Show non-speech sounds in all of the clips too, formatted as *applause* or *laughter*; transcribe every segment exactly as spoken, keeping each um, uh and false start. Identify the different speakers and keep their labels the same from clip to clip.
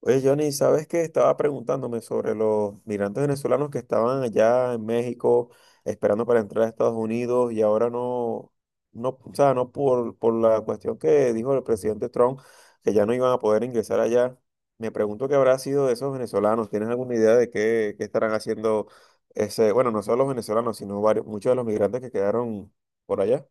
Speaker 1: Oye, Johnny, ¿sabes qué? Estaba preguntándome sobre los migrantes venezolanos que estaban allá en México esperando para entrar a Estados Unidos y ahora no, no, o sea, no por, por la cuestión que dijo el presidente Trump, que ya no iban a poder ingresar allá. Me pregunto qué habrá sido de esos venezolanos. ¿Tienes alguna idea de qué, qué estarán haciendo ese, bueno, no solo los venezolanos, sino varios, muchos de los migrantes que quedaron por allá?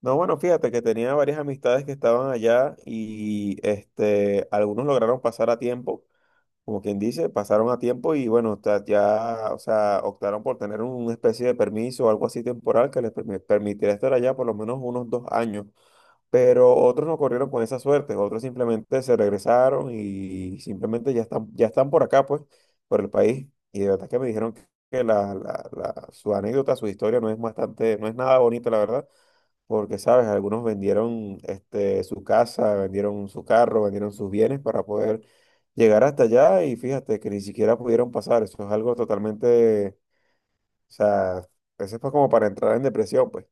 Speaker 1: No, bueno, fíjate que tenía varias amistades que estaban allá y este, algunos lograron pasar a tiempo. Como quien dice, pasaron a tiempo y bueno, ta- ya, o sea, optaron por tener una especie de permiso o algo así temporal que les permi- permitiera estar allá por lo menos unos dos años. Pero otros no corrieron con esa suerte, otros simplemente se regresaron y simplemente ya están, ya están por acá, pues, por el país. Y de verdad que me dijeron que la, la- la- su anécdota, su historia no es bastante, no es nada bonita, la verdad, porque, ¿sabes? Algunos vendieron este, su casa, vendieron su carro, vendieron sus bienes para poder llegar hasta allá y fíjate que ni siquiera pudieron pasar. Eso es algo totalmente, o sea, eso fue como para entrar en depresión, pues.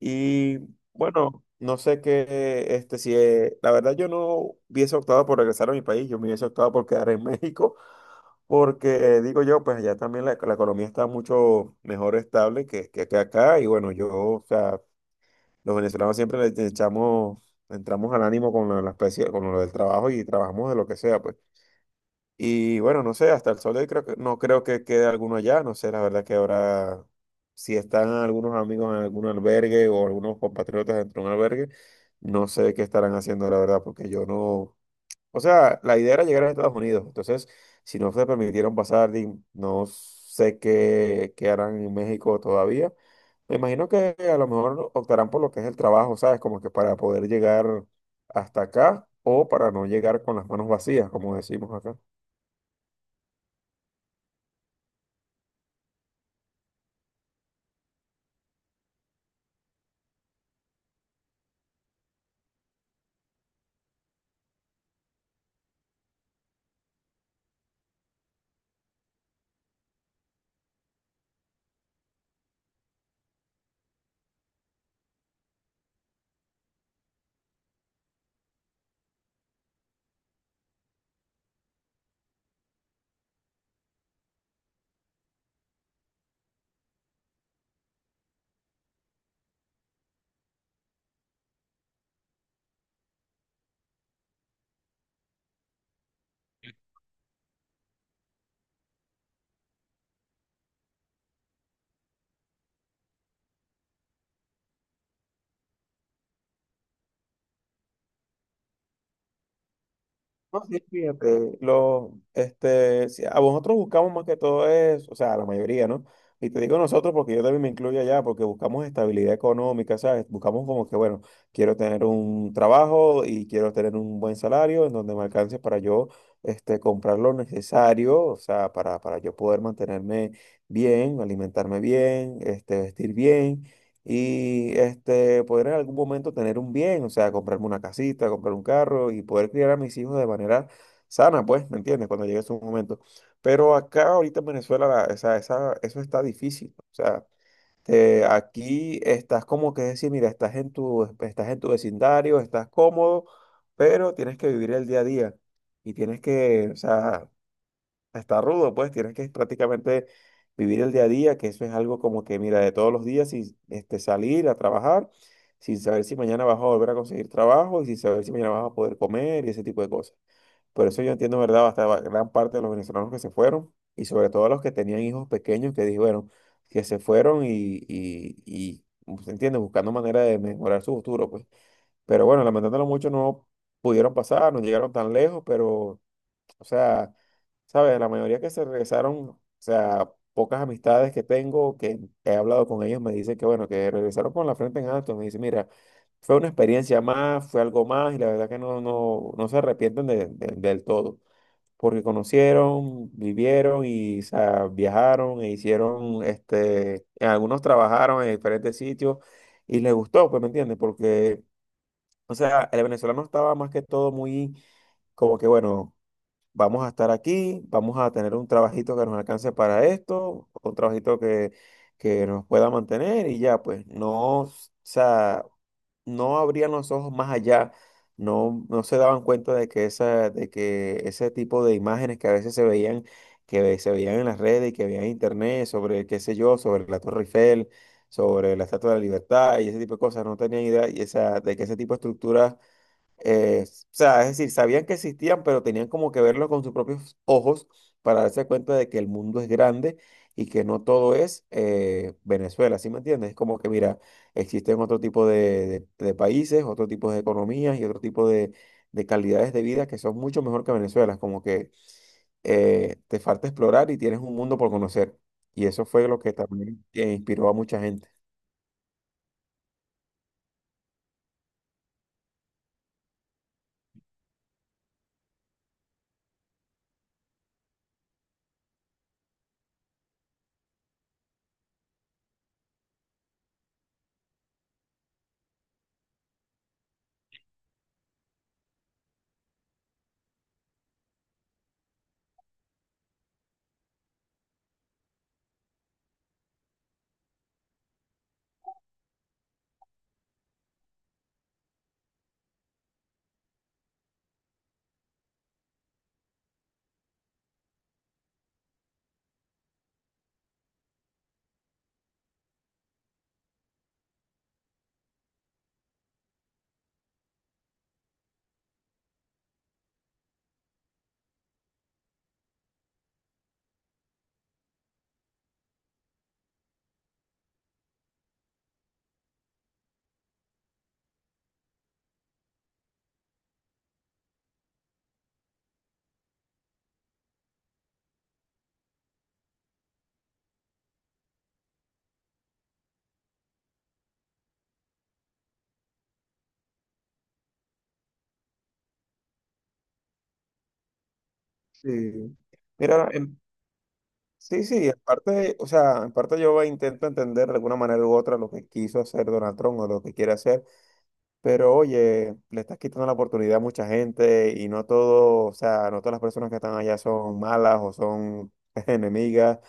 Speaker 1: Y bueno, no sé qué, este, si, eh, la verdad yo no hubiese optado por regresar a mi país, yo me hubiese optado por quedar en *laughs* México, porque eh, digo yo, pues allá también la, la economía está mucho mejor estable que, que, que acá y bueno, yo, o sea... Los venezolanos siempre le le echamos, entramos al ánimo con la, la especie, con lo del trabajo y trabajamos de lo que sea, pues. Y bueno, no sé, hasta el sol de hoy creo que, no creo que quede alguno allá, no sé, la verdad que ahora, si están algunos amigos en algún albergue o algunos compatriotas dentro de un albergue, no sé qué estarán haciendo, la verdad, porque yo no, o sea, la idea era llegar a Estados Unidos. Entonces, si no se permitieron pasar, di- no sé qué, qué harán en México todavía. Me imagino que a lo mejor optarán por lo que es el trabajo, ¿sabes? Como que para poder llegar hasta acá o para no llegar con las manos vacías, como decimos acá. No, sí, fíjate, lo, este, si a vosotros buscamos más que todo es, o sea, la mayoría, ¿no? Y te digo nosotros porque yo también me incluyo allá, porque buscamos estabilidad económica, ¿sabes? Buscamos como que, bueno, quiero tener un trabajo y quiero tener un buen salario en donde me alcance para yo, este, comprar lo necesario, o sea, para, para yo poder mantenerme bien, alimentarme bien, este, vestir bien y este, poder en algún momento tener un bien, o sea, comprarme una casita, comprar un carro y poder criar a mis hijos de manera sana, pues, ¿me entiendes? Cuando llegue su momento. Pero acá ahorita en Venezuela la- esa, esa- eso está difícil, o sea, te- aquí estás como que decir, mira, estás en tu, estás en tu vecindario, estás cómodo, pero tienes que vivir el día a día y tienes que, o sea... Está rudo, pues tienes que prácticamente vivir el día a día, que eso es algo como que, mira, de todos los días, sin este, salir a trabajar, sin saber si mañana vas a volver a conseguir trabajo y sin saber si mañana vas a poder comer y ese tipo de cosas. Por eso yo entiendo, ¿verdad? Hasta va- gran parte de los venezolanos que se fueron y sobre todo los que tenían hijos pequeños que dijeron que se fueron y, y, y pues, ¿se entiende? Buscando manera de mejorar su futuro, pues. Pero bueno, lamentándolo mucho, no pudieron pasar, no llegaron tan lejos, pero... O sea, ¿sabes? La mayoría que se regresaron, o sea, pocas amistades que tengo, que he hablado con ellos, me dicen que, bueno, que regresaron con la frente en alto. Me dicen, mira, fue una experiencia más, fue algo más, y la verdad que no, no, no se arrepienten de- de- del todo, porque conocieron, vivieron y, o sea, viajaron e hicieron, este, algunos trabajaron en diferentes sitios y les gustó, pues, ¿me entiendes? Porque, o sea, el venezolano estaba más que todo muy, como que, bueno, vamos a estar aquí, vamos a tener un trabajito que nos alcance para esto, un trabajito que, que nos pueda mantener y ya, pues no, o sea, no abrían los ojos más allá, no, no se daban cuenta de que, esa, de que ese tipo de imágenes que a veces se veían, que se veían en las redes y que veían en internet sobre, qué sé yo, sobre la Torre Eiffel, sobre la Estatua de la Libertad y ese tipo de cosas, no tenían idea y esa, de que ese tipo de estructuras eh, o sea, es decir, sabían que existían, pero tenían como que verlo con sus propios ojos para darse cuenta de que el mundo es grande y que no todo es eh, Venezuela, ¿sí me entiendes? Es como que, mira, existen otro tipo de, de- de países, otro tipo de economías y otro tipo de, de calidades de vida que son mucho mejor que Venezuela. Es como que eh, te falta explorar y tienes un mundo por conocer. Y eso fue lo que también eh, inspiró a mucha gente. Sí. Mira, sí, sí, aparte, o sea, en parte yo intento entender de alguna manera u otra lo que quiso hacer Donald Trump o lo que quiere hacer, pero oye, le estás quitando la oportunidad a mucha gente y no todo, o sea, no todas las personas que están allá son malas o son *laughs* enemigas,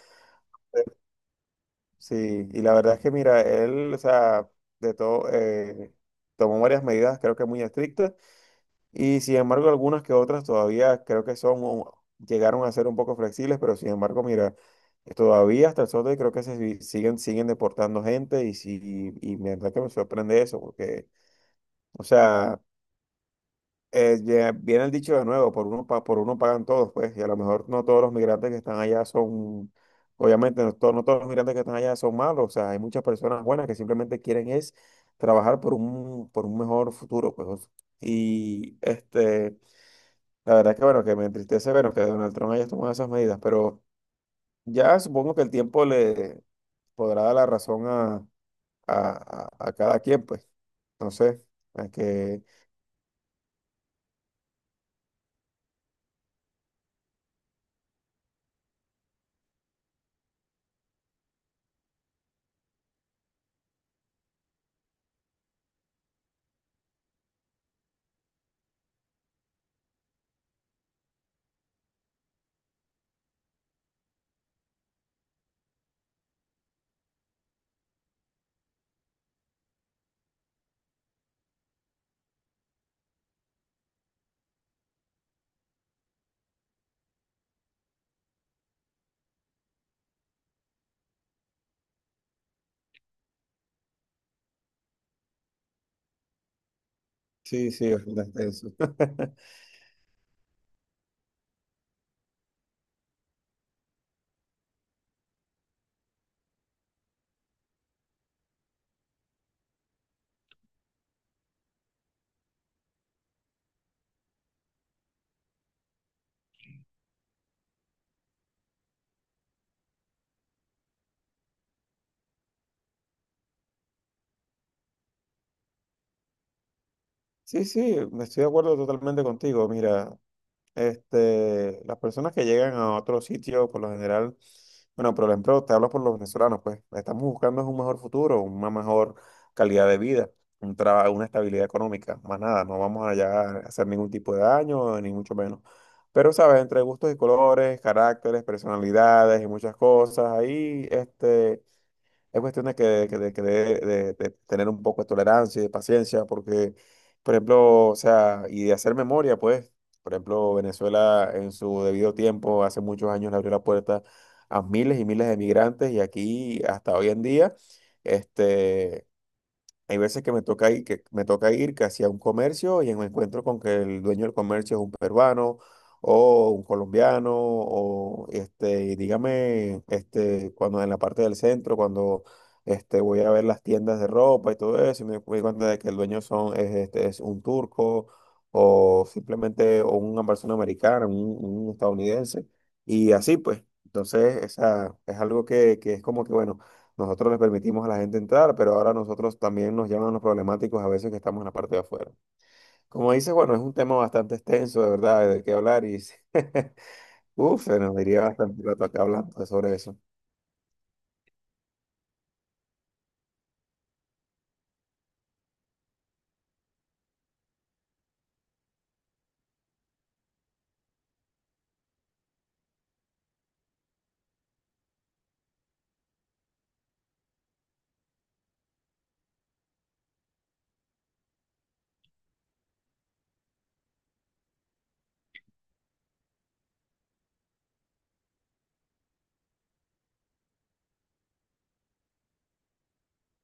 Speaker 1: sí, y la verdad es que mira, él, o sea, de todo, eh, tomó varias medidas creo que muy estrictas. Y sin embargo, algunas que otras todavía creo que son, o llegaron a ser un poco flexibles, pero sin embargo, mira, eh, todavía hasta el sol de hoy creo que se si- siguen, siguen deportando gente y, sí, y, me verdad que me sorprende eso, porque, o sea, eh, ya viene el dicho de nuevo, por uno, pa- por uno pagan todos, pues, y a lo mejor no todos los migrantes que están allá son, obviamente, no, to- no todos los migrantes que están allá son malos, o sea, hay muchas personas buenas que simplemente quieren es trabajar por un, por un mejor futuro, pues, y este... La verdad que bueno, que me entristece ver que Donald Trump haya tomado esas medidas, pero ya supongo que el tiempo le podrá dar la razón a, a- a- a cada quien, pues. Entonces, es que sí, sí, es verdad eso. *laughs* Sí, sí, estoy de acuerdo totalmente contigo. Mira, este, las personas que llegan a otro sitio, por lo general, bueno, por ejemplo, te hablo por los venezolanos, pues estamos buscando es un mejor futuro, una mejor calidad de vida, un trabajo, una estabilidad económica, más nada, no vamos allá a hacer ningún tipo de daño, ni mucho menos. Pero, ¿sabes? Entre gustos y colores, caracteres, personalidades y muchas cosas, ahí, este... Es cuestión de que, que- de, que de- de- de tener un poco de tolerancia y de paciencia, porque, por ejemplo, o sea, y de hacer memoria, pues, por ejemplo, Venezuela en su debido tiempo, hace muchos años, le abrió la puerta a miles y miles de migrantes y aquí, hasta hoy en día, este... Hay veces que me toca ir, que me toca ir casi a un comercio y me encuentro con que el dueño del comercio es un peruano o un colombiano o este, dígame, este, cuando en la parte del centro, cuando este, voy a ver las tiendas de ropa y todo eso, y me doy cuenta de que el dueño son, es, este, es un turco o simplemente o una persona americana, un, un estadounidense y así pues. Entonces, esa es algo que, que es como que, bueno. Nosotros les permitimos a la gente entrar, pero ahora nosotros también nos llaman los problemáticos a veces que estamos en la parte de afuera. Como dices, bueno, es un tema bastante extenso, de verdad, de qué hablar y *laughs* uf, se nos diría bastante rato acá hablando sobre eso.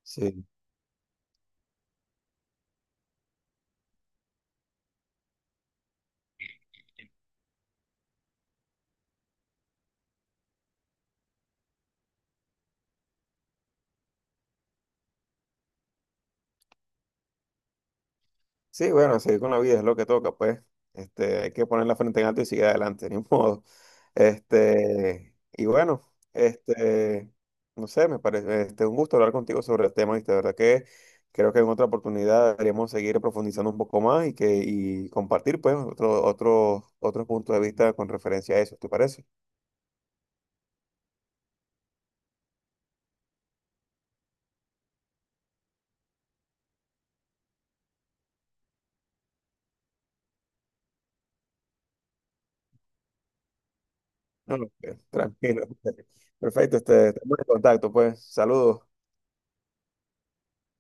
Speaker 1: Sí. Sí, bueno, seguir con la vida es lo que toca, pues. Este, hay que poner la frente en alto y seguir adelante, *laughs* ni modo. Este, y bueno, este, no sé, me parece, este, un gusto hablar contigo sobre el tema, y de verdad que creo que en otra oportunidad deberíamos seguir profundizando un poco más y que, y compartir, pues, otro, otro, otros puntos de vista con referencia a eso, ¿te parece? No, no, eh, tranquilo. *laughs* Perfecto, este, estamos en contacto, pues. Saludos.